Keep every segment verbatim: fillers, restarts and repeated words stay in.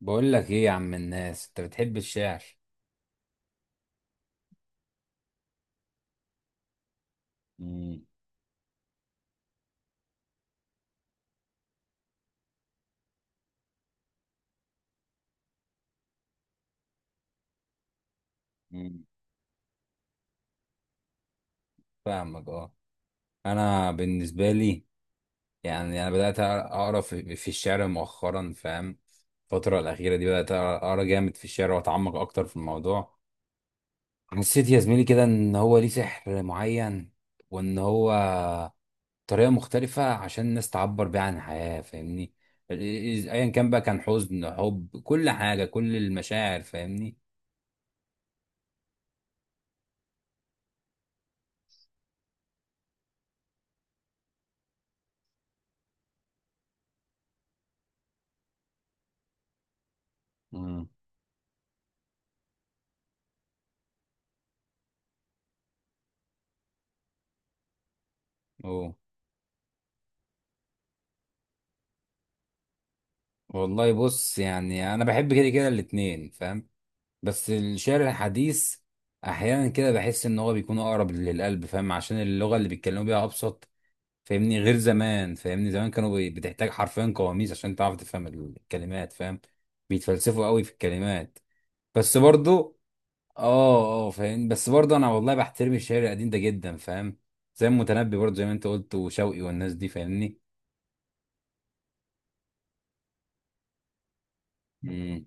بقول لك ايه يا عم الناس، انت بتحب الشعر؟ مم. مم. فاهمك اه. انا بالنسبه لي، يعني انا بدات اقرا في في الشعر مؤخرا، فاهم؟ الفتره الاخيره دي بدات اقرا جامد في الشعر واتعمق اكتر في الموضوع. حسيت يا زميلي كده ان هو ليه سحر معين، وان هو طريقه مختلفه عشان الناس تعبر بيها عن الحياه، فاهمني؟ ال- ال- ايا كان بقى، كان حزن، حب، كل حاجه، كل المشاعر، فاهمني؟ مم. اه. والله بص، يعني انا بحب كده كده الاتنين، فاهم؟ بس الشعر الحديث احيانا كده بحس ان هو بيكون اقرب للقلب، فاهم؟ عشان اللغه اللي بيتكلموا بيها ابسط، فاهمني؟ غير زمان، فاهمني؟ زمان كانوا بي- بتحتاج حرفيا قواميس عشان تعرف تفهم الكلمات، فاهم؟ بيتفلسفوا قوي في الكلمات، بس برضو. اه، اه، فاهم. بس برضو انا والله بحترم الشعر القديم ده جدا، فاهم؟ زي المتنبي، برضو زي ما انت قلت، وشوقي والناس دي، فاهمني؟ امم،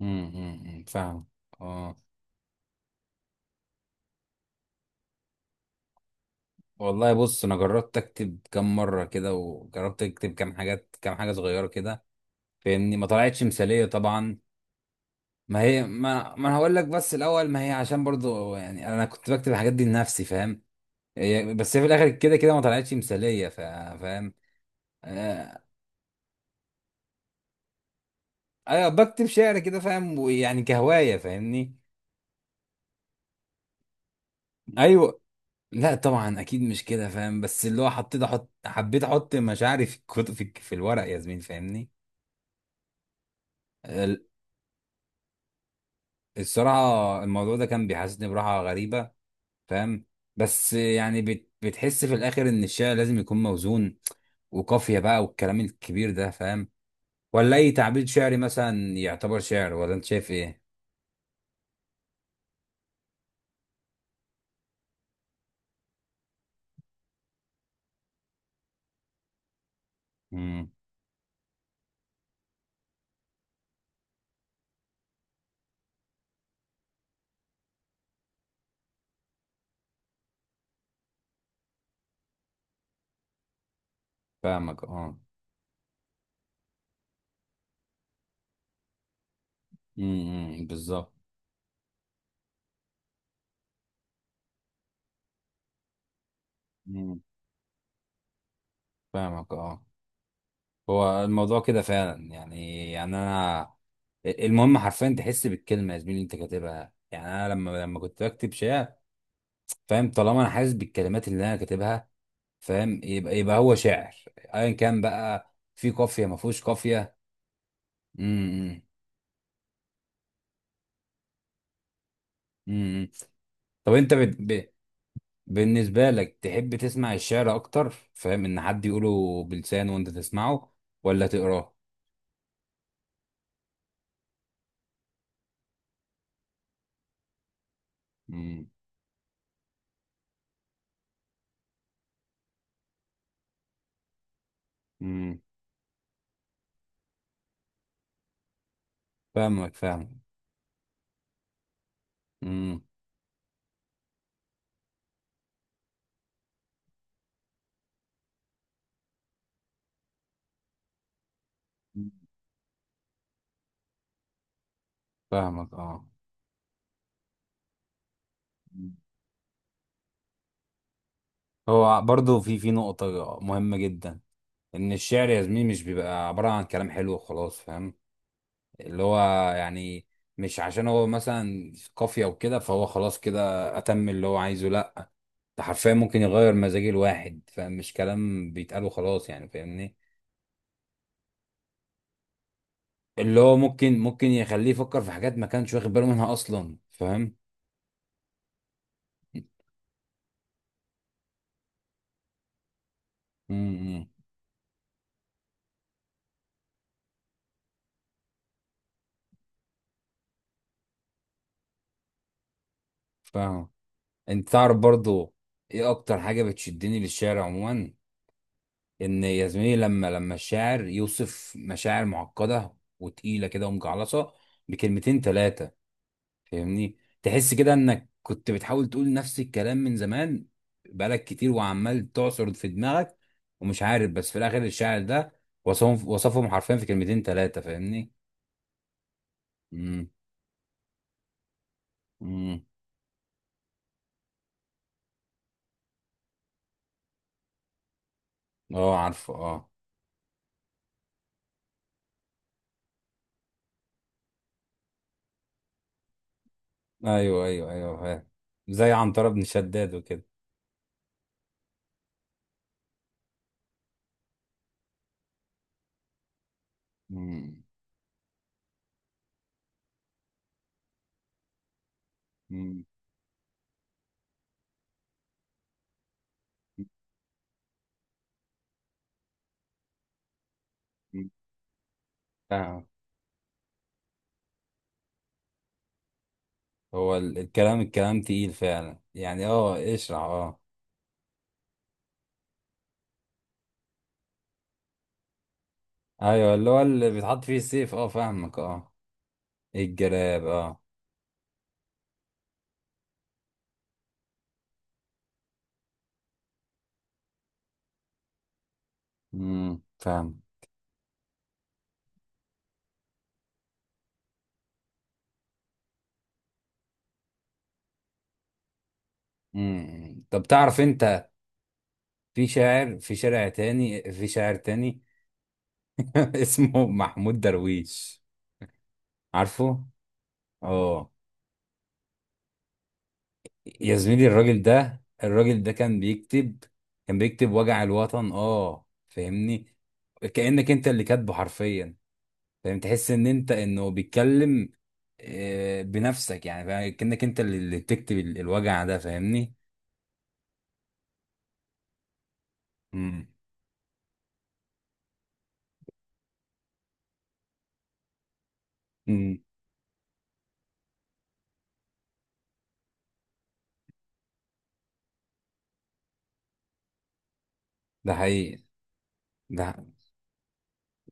امم، أمم، أمم، فاهم. اه. والله بص، انا جربت اكتب كام مره كده، وجربت اكتب كام حاجات كام حاجه صغيره كده، فاهمني؟ ما طلعتش مثاليه طبعا. ما هي ما, ما انا هقول لك بس الاول. ما هي عشان برضو يعني انا كنت بكتب الحاجات دي لنفسي، فاهم؟ هي- بس هي في الاخر كده كده ما طلعتش مثاليه، فا- فاهم؟ آه، ايوه، بكتب شعر كده، فاهم؟ ويعني كهوايه، فاهمني؟ ايوه. لا طبعا، اكيد مش كده، فاهم؟ بس اللي هو حطيت احط حبيت احط مشاعري في الكتب، في, في الورق، يا زميل، فاهمني؟ الصراحة الموضوع ده كان بيحسسني براحة غريبة، فاهم؟ بس يعني بت- بتحس في الآخر إن الشعر لازم يكون موزون وقافية بقى والكلام الكبير ده، فاهم؟ ولا أي تعبير شعري مثلا يعتبر شعر، ولا أنت شايف إيه؟ امم، فاهمك أه. امم، بالظبط. امم، فاهمك أه. هو الموضوع كده فعلا يعني يعني أنا، المهم حرفيا تحس بالكلمة يا زميلي اللي أنت كاتبها. يعني أنا لما لما كنت بكتب شعر، فاهم، طالما أنا حاسس بالكلمات اللي أنا كاتبها، فاهم، يبقى يبقى هو شاعر، ايا كان بقى، في قافيه ما فيهوش قافيه. امم، امم، إمم، إمم. طب انت بت... ب... بالنسبه لك، تحب تسمع الشعر اكتر، فاهم؟ ان حد يقوله بلسانه وانت تسمعه، ولا تقراه؟ امم. امم، فاهمك فاهم. امم، فاهمك اه. مم. هو برضو في في نقطه مهمه جدا، ان الشعر يا زميلي مش بيبقى عباره عن كلام حلو وخلاص، فاهم؟ اللي هو يعني، مش عشان هو مثلا في قافية وكده فهو خلاص كده أتم اللي هو عايزه، لأ. ده حرفيا ممكن يغير مزاج الواحد، فمش كلام بيتقال وخلاص يعني، فاهمني؟ اللي هو ممكن ممكن يخليه يفكر في حاجات ما كانش واخد باله منها أصلا، فاهم؟ امم، فاهم. انت تعرف برضو ايه اكتر حاجة بتشدني للشعر عموما؟ ان يا زميلي لما لما الشاعر يوصف مشاعر معقدة وتقيلة كده ومجعلصة بكلمتين تلاتة، فاهمني؟ تحس كده انك كنت بتحاول تقول نفس الكلام من زمان، بقالك كتير وعمال تعصر في دماغك ومش عارف، بس في الاخر الشاعر ده وصفهم، وصفهم حرفيا في كلمتين ثلاثة، فاهمني؟ امم، امم. اه، عارفه، اه. ايوه، ايوه، ايوه، فاهم، زي عنترة بن شداد وكده. امم، امم، أمم. فاهم. هو ال- الكلام الكلام تقيل فعلا يعني، اه، اشرح، اه. ايوه، اللي هو اللي بيتحط فيه السيف، اه، فاهمك اه. إيه، الجلاب اه. امم، فاهم. مم. طب تعرف انت، في شاعر في شارع تاني في شاعر تاني، اسمه محمود درويش، عارفه؟ اه. يا زميلي، الراجل ده الراجل ده كان بيكتب كان بيكتب وجع الوطن، اه فاهمني؟ كأنك انت اللي كاتبه حرفيا، فاهم؟ تحس ان انت انه بيتكلم، آه، بنفسك يعني، فاهم؟ كأنك انت اللي اللي بتكتب ال- الوجع ده، فاهمني؟ مم. مم. ده حقيقي ده،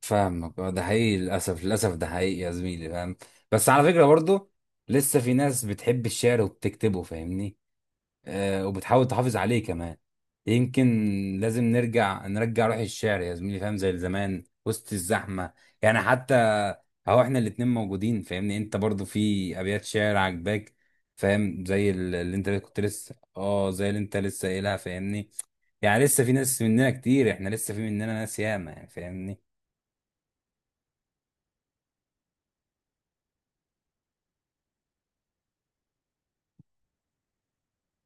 فاهمك اه، ده حقيقي، للاسف، للاسف ده حقيقي يا زميلي، فاهم؟ بس على فكره برضه، لسه في ناس بتحب الشعر وبتكتبه، فاهمني؟ آه، وبتحاول تحافظ عليه كمان، يمكن. لازم نرجع نرجع روح الشعر يا زميلي، فاهم؟ زي زمان وسط الزحمه، يعني حتى اهو احنا الاتنين موجودين، فاهمني؟ انت برضه في ابيات شعر عجباك، فاهم، زي ال- اللي انت كنت لسه اه زي اللي انت لسه قايلها، فاهمني؟ يعني لسه في ناس مننا كتير، احنا لسه في مننا ناس ياما يعني، فاهمني؟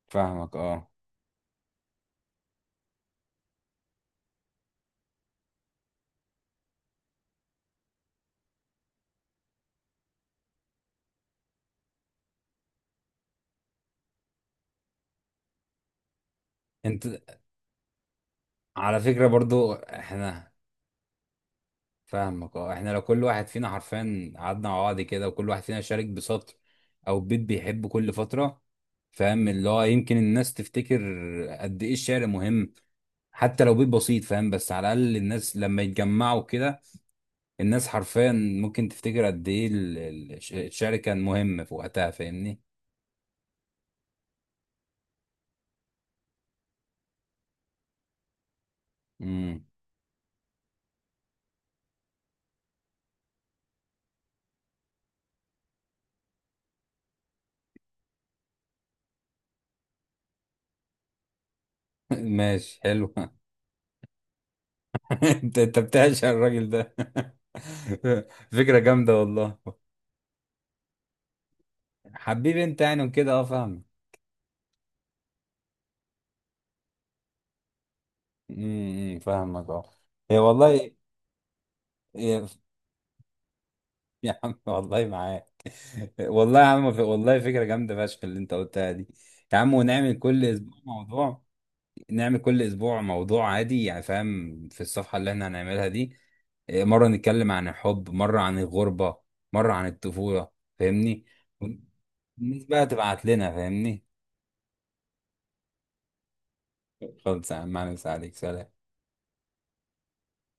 فاهمك اه. انت، على فكرة برضو احنا، فاهمك اه، احنا لو كل واحد فينا حرفيا قعدنا مع بعض كده، وكل واحد فينا شارك بسطر او بيت بيحبه كل فترة، فاهم، اللي هو يمكن الناس تفتكر قد ايه الشعر مهم، حتى لو بيت بسيط، فاهم، بس على الاقل الناس لما يتجمعوا كده، الناس حرفيا ممكن تفتكر قد ايه ال- ال- الشعر كان مهم في وقتها، فاهمني؟ امم. ماشي حلو. انت انت بتعشق الراجل ده. فكرة جامدة والله. حبيبي انت يعني وكده، اه فاهمك. امم، فاهمك اه. هي والله. هي- يا عم والله معاك. والله يا عم ف- والله فكرة جامدة فشخ اللي انت قلتها دي. يا عم ونعمل كل اسبوع موضوع، نعمل كل اسبوع موضوع عادي يعني، فاهم، في الصفحة اللي احنا هنعملها دي. اه، مرة نتكلم عن الحب، مرة عن الغربة، مرة عن الطفولة، فاهمني؟ والناس بقى تبعت لنا، فاهمني؟ خلص يا عم، أهلا وسهلا عليك، سلام.